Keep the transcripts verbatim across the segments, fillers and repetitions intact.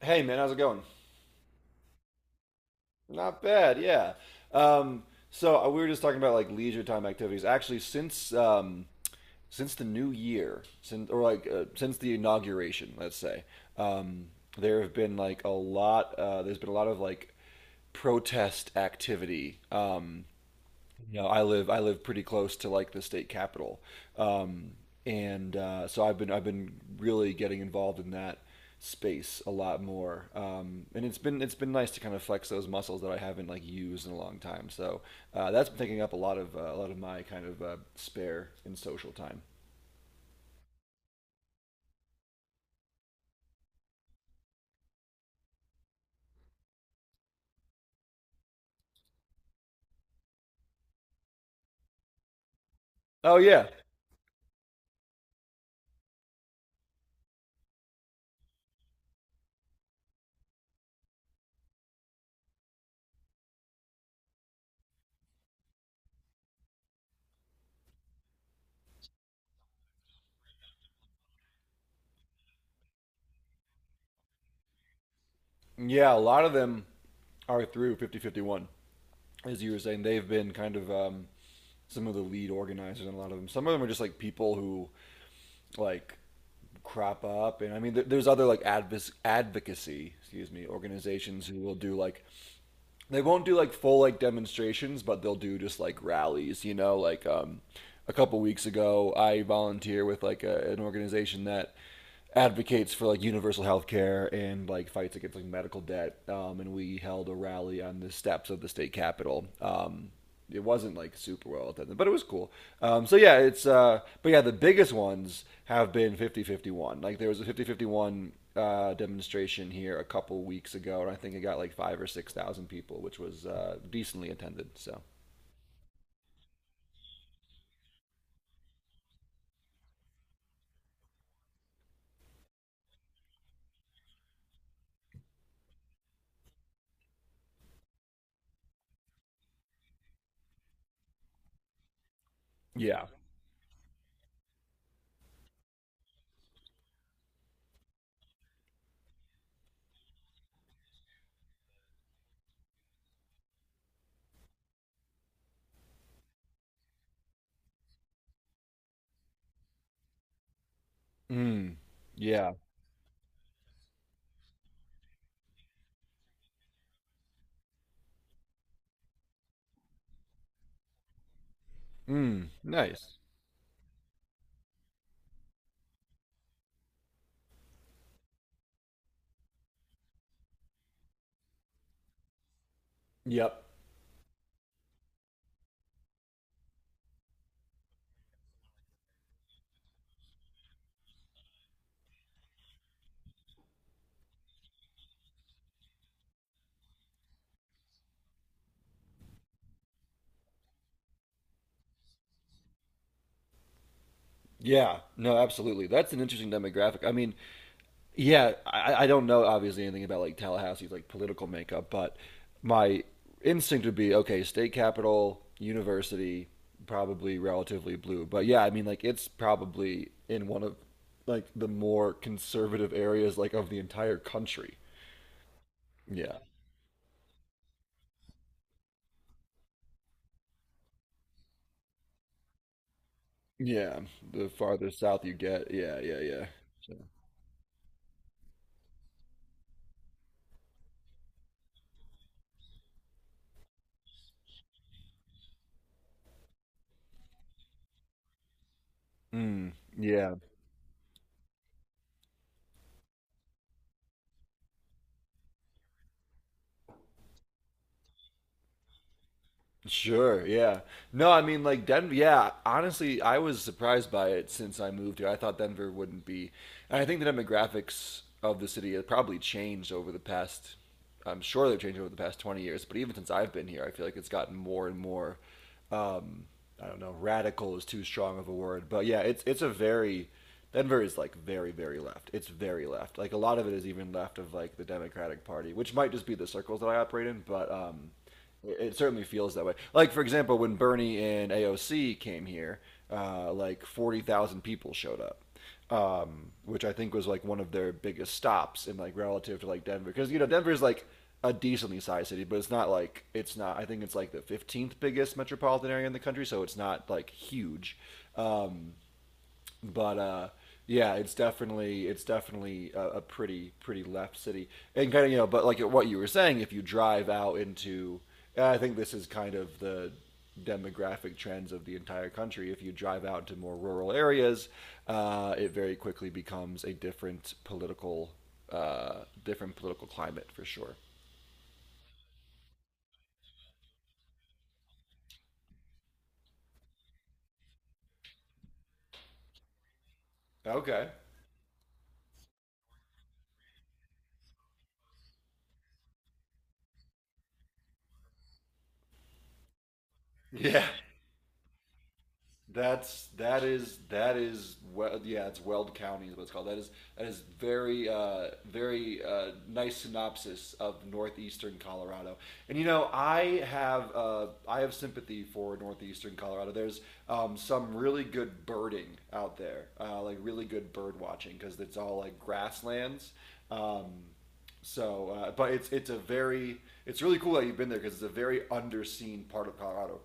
Hey man, how's it going? Not bad, yeah. Um, so uh, we were just talking about like leisure time activities. Actually, since um, since the new year, since or like uh, since the inauguration, let's say. um, there have been like a lot. Uh, there's been a lot of like protest activity. Um, you know, I live I live pretty close to like the state capital, um, and uh, so I've been I've been really getting involved in that space a lot more, um, and it's been it's been nice to kind of flex those muscles that I haven't like used in a long time. So uh, that's been taking up a lot of uh, a lot of my kind of uh, spare and social time. Oh yeah, yeah, a lot of them are through fifty fifty one, as you were saying. They've been kind of um, some of the lead organizers, and a lot of them. Some of them are just like people who like crop up. And I mean there- there's other like advis- advocacy, excuse me, organizations who will do like they won't do like full like demonstrations, but they'll do just like rallies, you know, like um a couple weeks ago I volunteer with like a, an organization that advocates for like universal health care and like fights against like medical debt, um and we held a rally on the steps of the state capitol. Um it wasn't like super well attended, but it was cool. Um, so yeah, it's uh, but yeah, the biggest ones have been fifty fifty one. Like there was a fifty fifty one uh, demonstration here a couple weeks ago, and I think it got like five or six thousand people, which was uh, decently attended. So yeah, mm, yeah, mm, nice. Yep. Yeah. No, absolutely. That's an interesting demographic. I mean, yeah, I, I don't know obviously anything about like Tallahassee's like political makeup, but my instinct would be okay, state capital, university, probably relatively blue. But yeah, I mean like it's probably in one of like the more conservative areas like of the entire country. Yeah. Yeah. The farther south you get, yeah, yeah, yeah. So, mm, yeah. Sure, yeah. No, I mean like Denver, yeah, honestly, I was surprised by it since I moved here. I thought Denver wouldn't be. And I think the demographics of the city have probably changed over the past I'm sure they've changed over the past twenty years, but even since I've been here, I feel like it's gotten more and more um, I don't know, radical is too strong of a word, but yeah, it's it's a very Denver is like very very left. It's very left. Like a lot of it is even left of like the Democratic Party, which might just be the circles that I operate in, but um, it, it certainly feels that way. Like for example, when Bernie and A O C came here, uh, like forty thousand people showed up, um, which I think was like one of their biggest stops in like relative to like Denver, because you know Denver's like a decently sized city, but it's not like it's not. I think it's like the fifteenth biggest metropolitan area in the country, so it's not like huge, but uh, yeah, it's definitely it's definitely a, a pretty pretty left city, and kind of, you know, but like what you were saying, if you drive out into, and I think this is kind of the demographic trends of the entire country. If you drive out to more rural areas, uh, it very quickly becomes a different political uh, different political climate for sure. Okay. Yeah. That's that is that is well, yeah, it's Weld County is what it's called. That is that is very uh, very uh, nice synopsis of northeastern Colorado. And you know I have uh, I have sympathy for northeastern Colorado. There's um, some really good birding out there, uh, like really good bird watching because it's all like grasslands, um, so uh, but it's it's a very it's really cool that you've been there because it's a very underseen part of Colorado,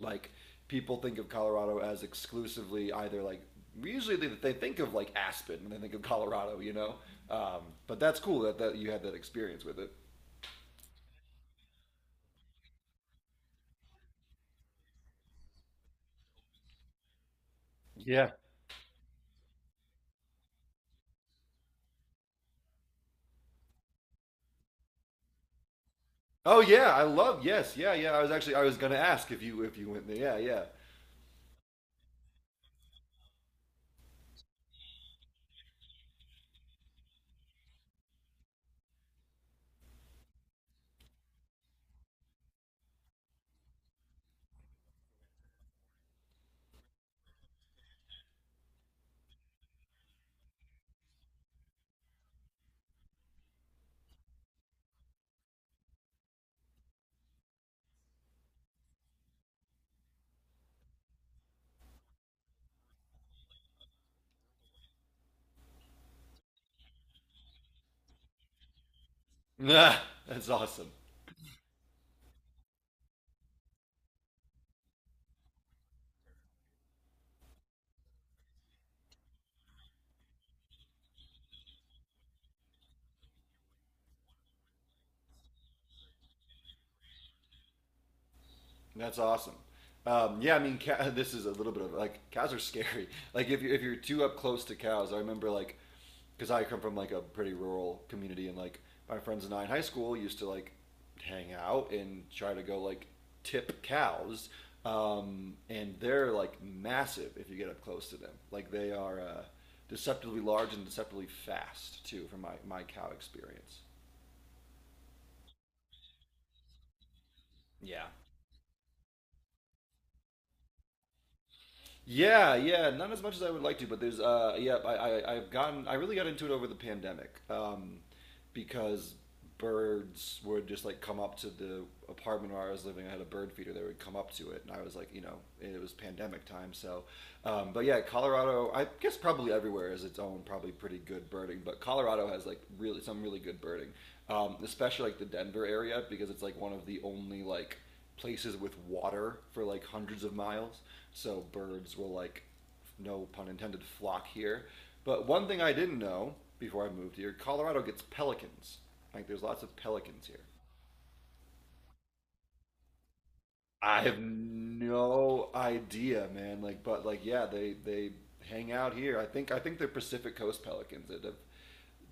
like people think of Colorado as exclusively either like usually they, they think of like Aspen and they think of Colorado, you know. Um, but that's cool that, that you had that experience with it. Yeah. Oh yeah, I love yes, yeah, yeah. I was actually I was gonna ask if you if you went there. Yeah, yeah. That's awesome. That's awesome. Um, yeah, I mean, ca- this is a little bit of like cows are scary. Like if you're if you're too up close to cows, I remember like because I come from like a pretty rural community, and like my friends and I in high school used to like hang out and try to go like tip cows, um, and they're like massive if you get up close to them. Like they are uh, deceptively large and deceptively fast too, from my my cow experience. Yeah. Yeah, yeah, not as much as I would like to, but there's uh, yeah, I, I I've gotten I really got into it over the pandemic, um, because birds would just like come up to the apartment where I was living. I had a bird feeder that would come up to it, and I was like, you know, it was pandemic time, so. Um, but yeah, Colorado, I guess probably everywhere is its own probably pretty good birding, but Colorado has like really some really good birding, um, especially like the Denver area because it's like one of the only like places with water for like hundreds of miles. So birds will like, no pun intended, flock here. But one thing I didn't know before I moved here, Colorado gets pelicans. Like there's lots of pelicans here. I have no idea, man. Like, but like, yeah, they they hang out here. I think I think they're Pacific Coast pelicans. That have,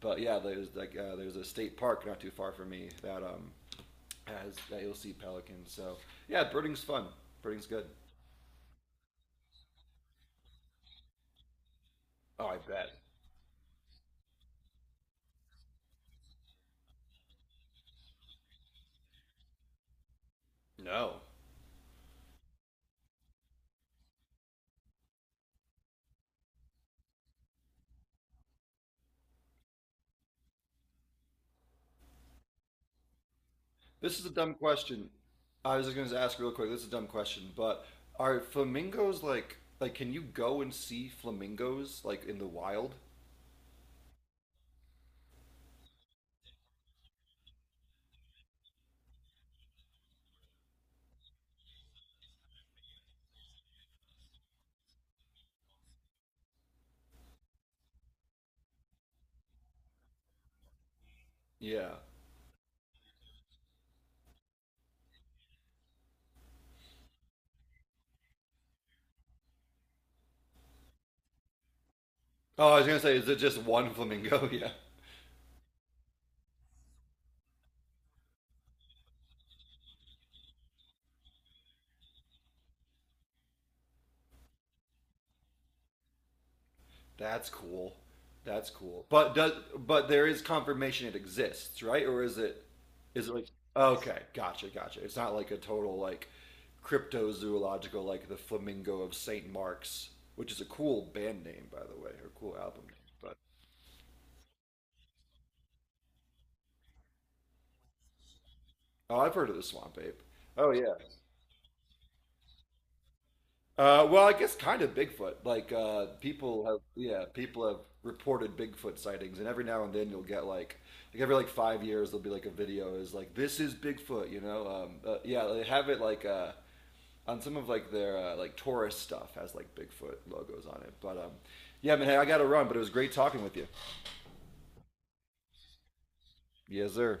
but yeah, there's like uh, there's a state park not too far from me that um has that you'll see pelicans. So yeah, birding's fun. Birding's good. Oh, I bet. No. This is a dumb question. I was just going to ask real quick. This is a dumb question, but are flamingos like like can you go and see flamingos like in the wild? Yeah. Oh, I was going to say, is it just one flamingo? Yeah. That's cool. That's cool. But does but there is confirmation it exists, right? Or is it is it like okay, gotcha, gotcha. It's not like a total like cryptozoological like the flamingo of saint Mark's, which is a cool band name by the way, or cool album name. Oh, I've heard of the swamp ape. Oh yeah. Uh, well, I guess kind of Bigfoot. Like uh, people have, yeah, people have reported Bigfoot sightings, and every now and then you'll get like, like, every like five years there'll be like a video is like this is Bigfoot, you know? Um, uh, yeah, they have it like uh, on some of like their uh, like tourist stuff has like Bigfoot logos on it. But um, yeah, man, hey, I gotta run. But it was great talking with you. Yes, sir.